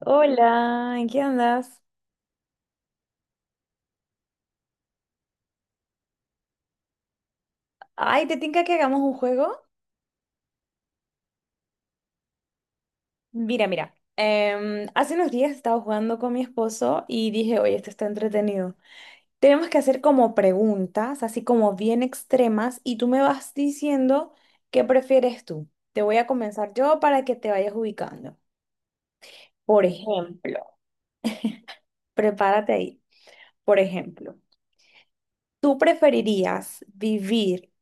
Hola, ¿en qué andas? Ay, ¿te tinca que hagamos un juego? Mira, mira. Hace unos días estaba jugando con mi esposo y dije, oye, esto está entretenido. Tenemos que hacer como preguntas, así como bien extremas, y tú me vas diciendo qué prefieres tú. Te voy a comenzar yo para que te vayas ubicando. Por ejemplo, prepárate ahí. Por ejemplo. ¿Tú preferirías vivir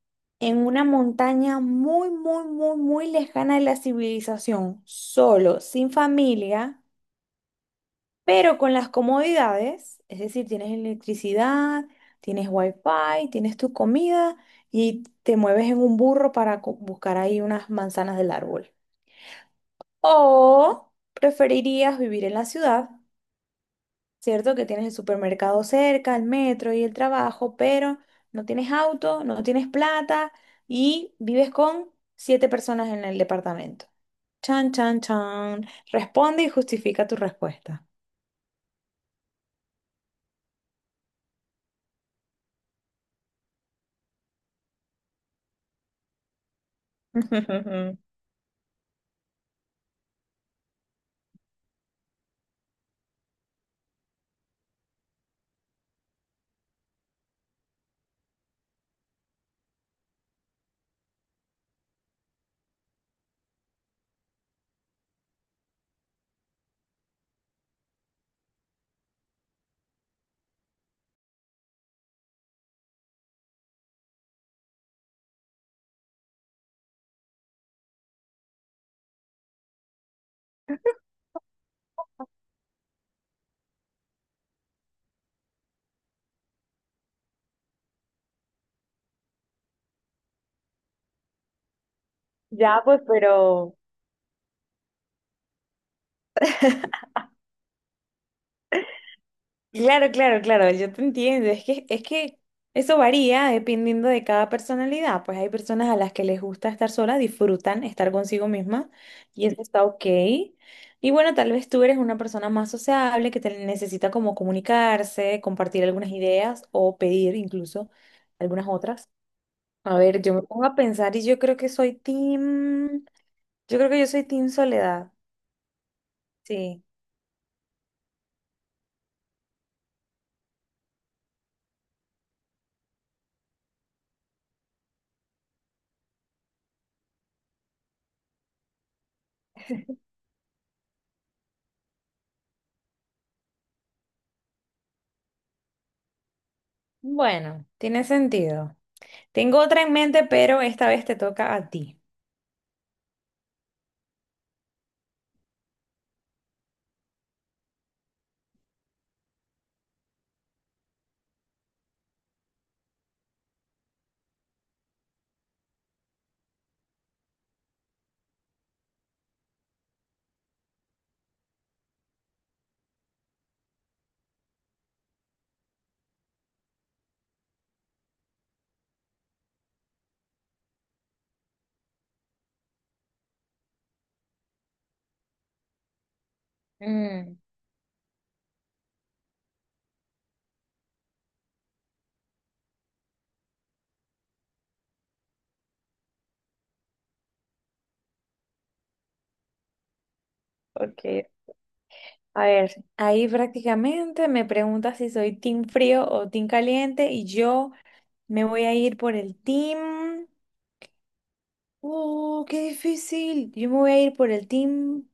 en una montaña muy, muy, muy, muy lejana de la civilización, solo, sin familia, pero con las comodidades? Es decir, tienes electricidad, tienes wifi, tienes tu comida y te mueves en un burro para buscar ahí unas manzanas del árbol. ¿O preferirías vivir en la ciudad? ¿Cierto? Que tienes el supermercado cerca, el metro y el trabajo, pero no tienes auto, no tienes plata y vives con siete personas en el departamento. Chan, chan, chan. Responde y justifica tu respuesta. Ya, pues, pero Claro, claro, claro, yo te entiendo. Es que eso varía dependiendo de cada personalidad. Pues hay personas a las que les gusta estar sola, disfrutan estar consigo misma y eso está ok. Y bueno, tal vez tú eres una persona más sociable que te necesita como comunicarse, compartir algunas ideas o pedir incluso algunas otras. A ver, yo me pongo a pensar y yo creo que yo soy team soledad. Sí. Bueno, tiene sentido. Tengo otra en mente, pero esta vez te toca a ti. Mm, ok, a ver, ahí prácticamente me preguntas si soy team frío o team caliente y yo me voy a ir por el team... ¡Oh, qué difícil! Yo me voy a ir por el team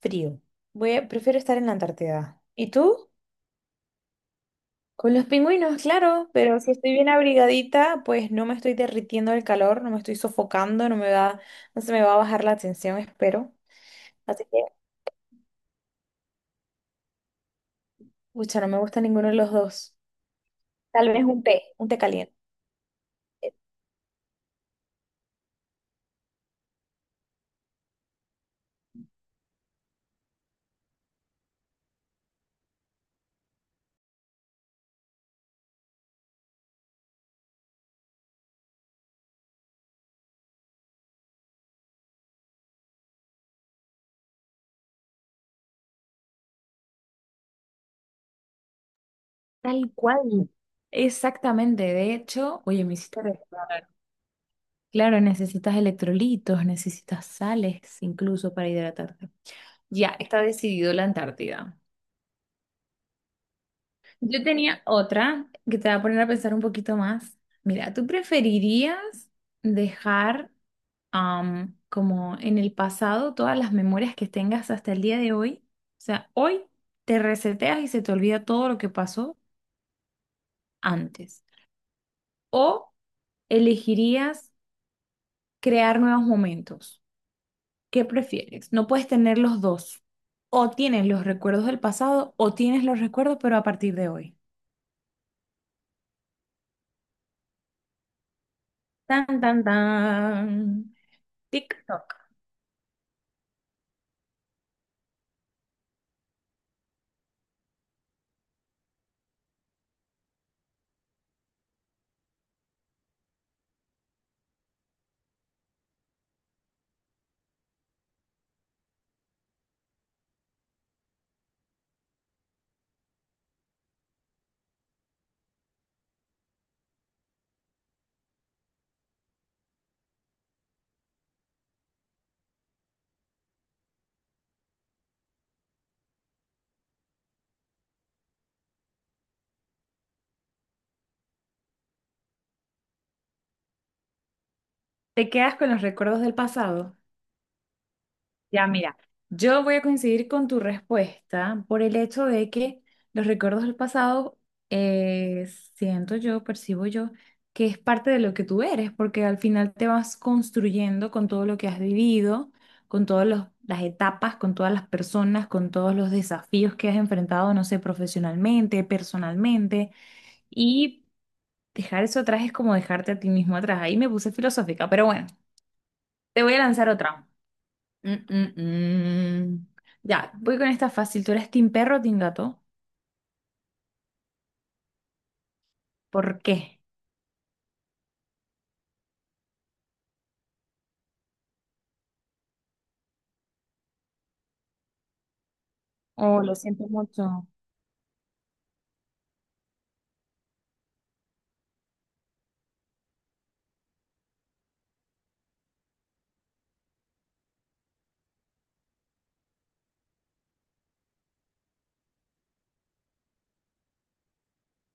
frío. Prefiero estar en la Antártida. ¿Y tú? Con los pingüinos, claro, pero si estoy bien abrigadita, pues no me estoy derritiendo del calor, no me estoy sofocando, no me va, no se me va a bajar la tensión, espero. Así que pucha, no me gusta ninguno de los dos. Tal vez un té caliente. Tal cual. Exactamente. De hecho, oye, me hiciste recordar. Claro, necesitas electrolitos, necesitas sales incluso para hidratarte. Ya, está decidido la Antártida. Yo tenía otra que te va a poner a pensar un poquito más. Mira, ¿tú preferirías dejar como en el pasado todas las memorias que tengas hasta el día de hoy? O sea, hoy te reseteas y se te olvida todo lo que pasó antes. ¿O elegirías crear nuevos momentos? ¿Qué prefieres? No puedes tener los dos. O tienes los recuerdos del pasado o tienes los recuerdos pero a partir de hoy. Tan, tan, tan. TikTok. ¿Te quedas con los recuerdos del pasado? Ya, mira, yo voy a coincidir con tu respuesta por el hecho de que los recuerdos del pasado, eh, siento yo, percibo yo, que es parte de lo que tú eres, porque al final te vas construyendo con todo lo que has vivido, con las etapas, con todas las personas, con todos los desafíos que has enfrentado, no sé, profesionalmente, personalmente, y dejar eso atrás es como dejarte a ti mismo atrás. Ahí me puse filosófica, pero bueno, te voy a lanzar otra. Mm, mm, mm. Ya, voy con esta fácil. ¿Tú eres team perro o team gato? ¿Por qué? Oh, lo siento mucho.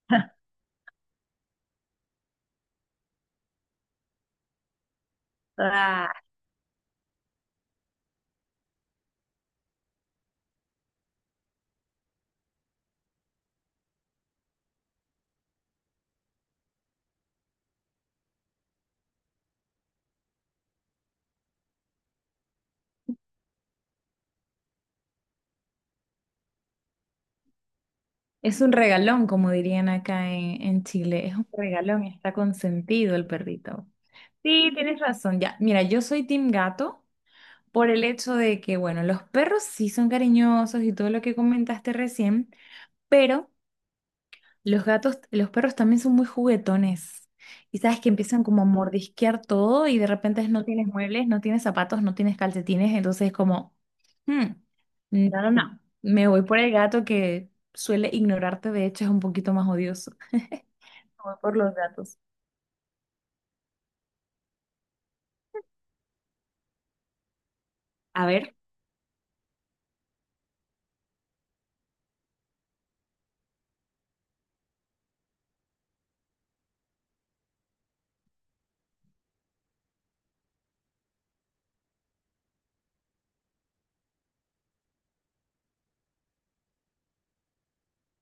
Ah, es un regalón, como dirían acá en Chile. Es un regalón, está consentido el perrito. Sí, tienes razón. Ya, mira, yo soy team gato por el hecho de que, bueno, los perros sí son cariñosos y todo lo que comentaste recién, pero los perros también son muy juguetones. Y sabes que empiezan como a mordisquear todo y de repente no tienes muebles, no tienes zapatos, no tienes calcetines, entonces es como, "Hmm, no, no, no, me voy por el gato que suele ignorarte, de hecho es un poquito más odioso". Me voy por los gatos. A ver,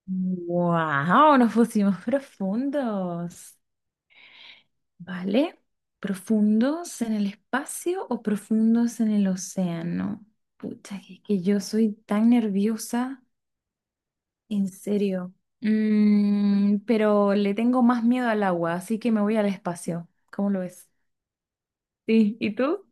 wow, nos pusimos profundos, ¿vale? ¿Profundos en el espacio o profundos en el océano? Pucha, que yo soy tan nerviosa. En serio. Pero le tengo más miedo al agua, así que me voy al espacio. ¿Cómo lo ves? Sí, ¿y tú?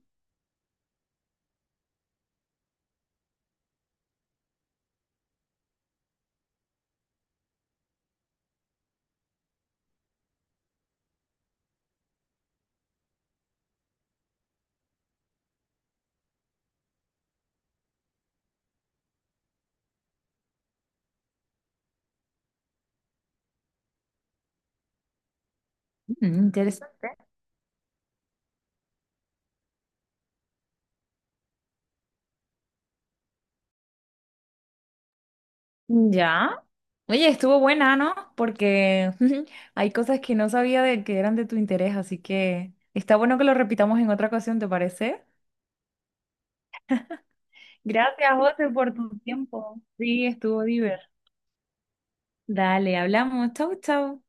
Mm, interesante. Ya. Oye, estuvo buena, ¿no? Porque hay cosas que no sabía de que eran de tu interés, así que está bueno que lo repitamos en otra ocasión, ¿te parece? Gracias, José, por tu tiempo. Sí, estuvo divertido. Dale, hablamos. Chau, chau.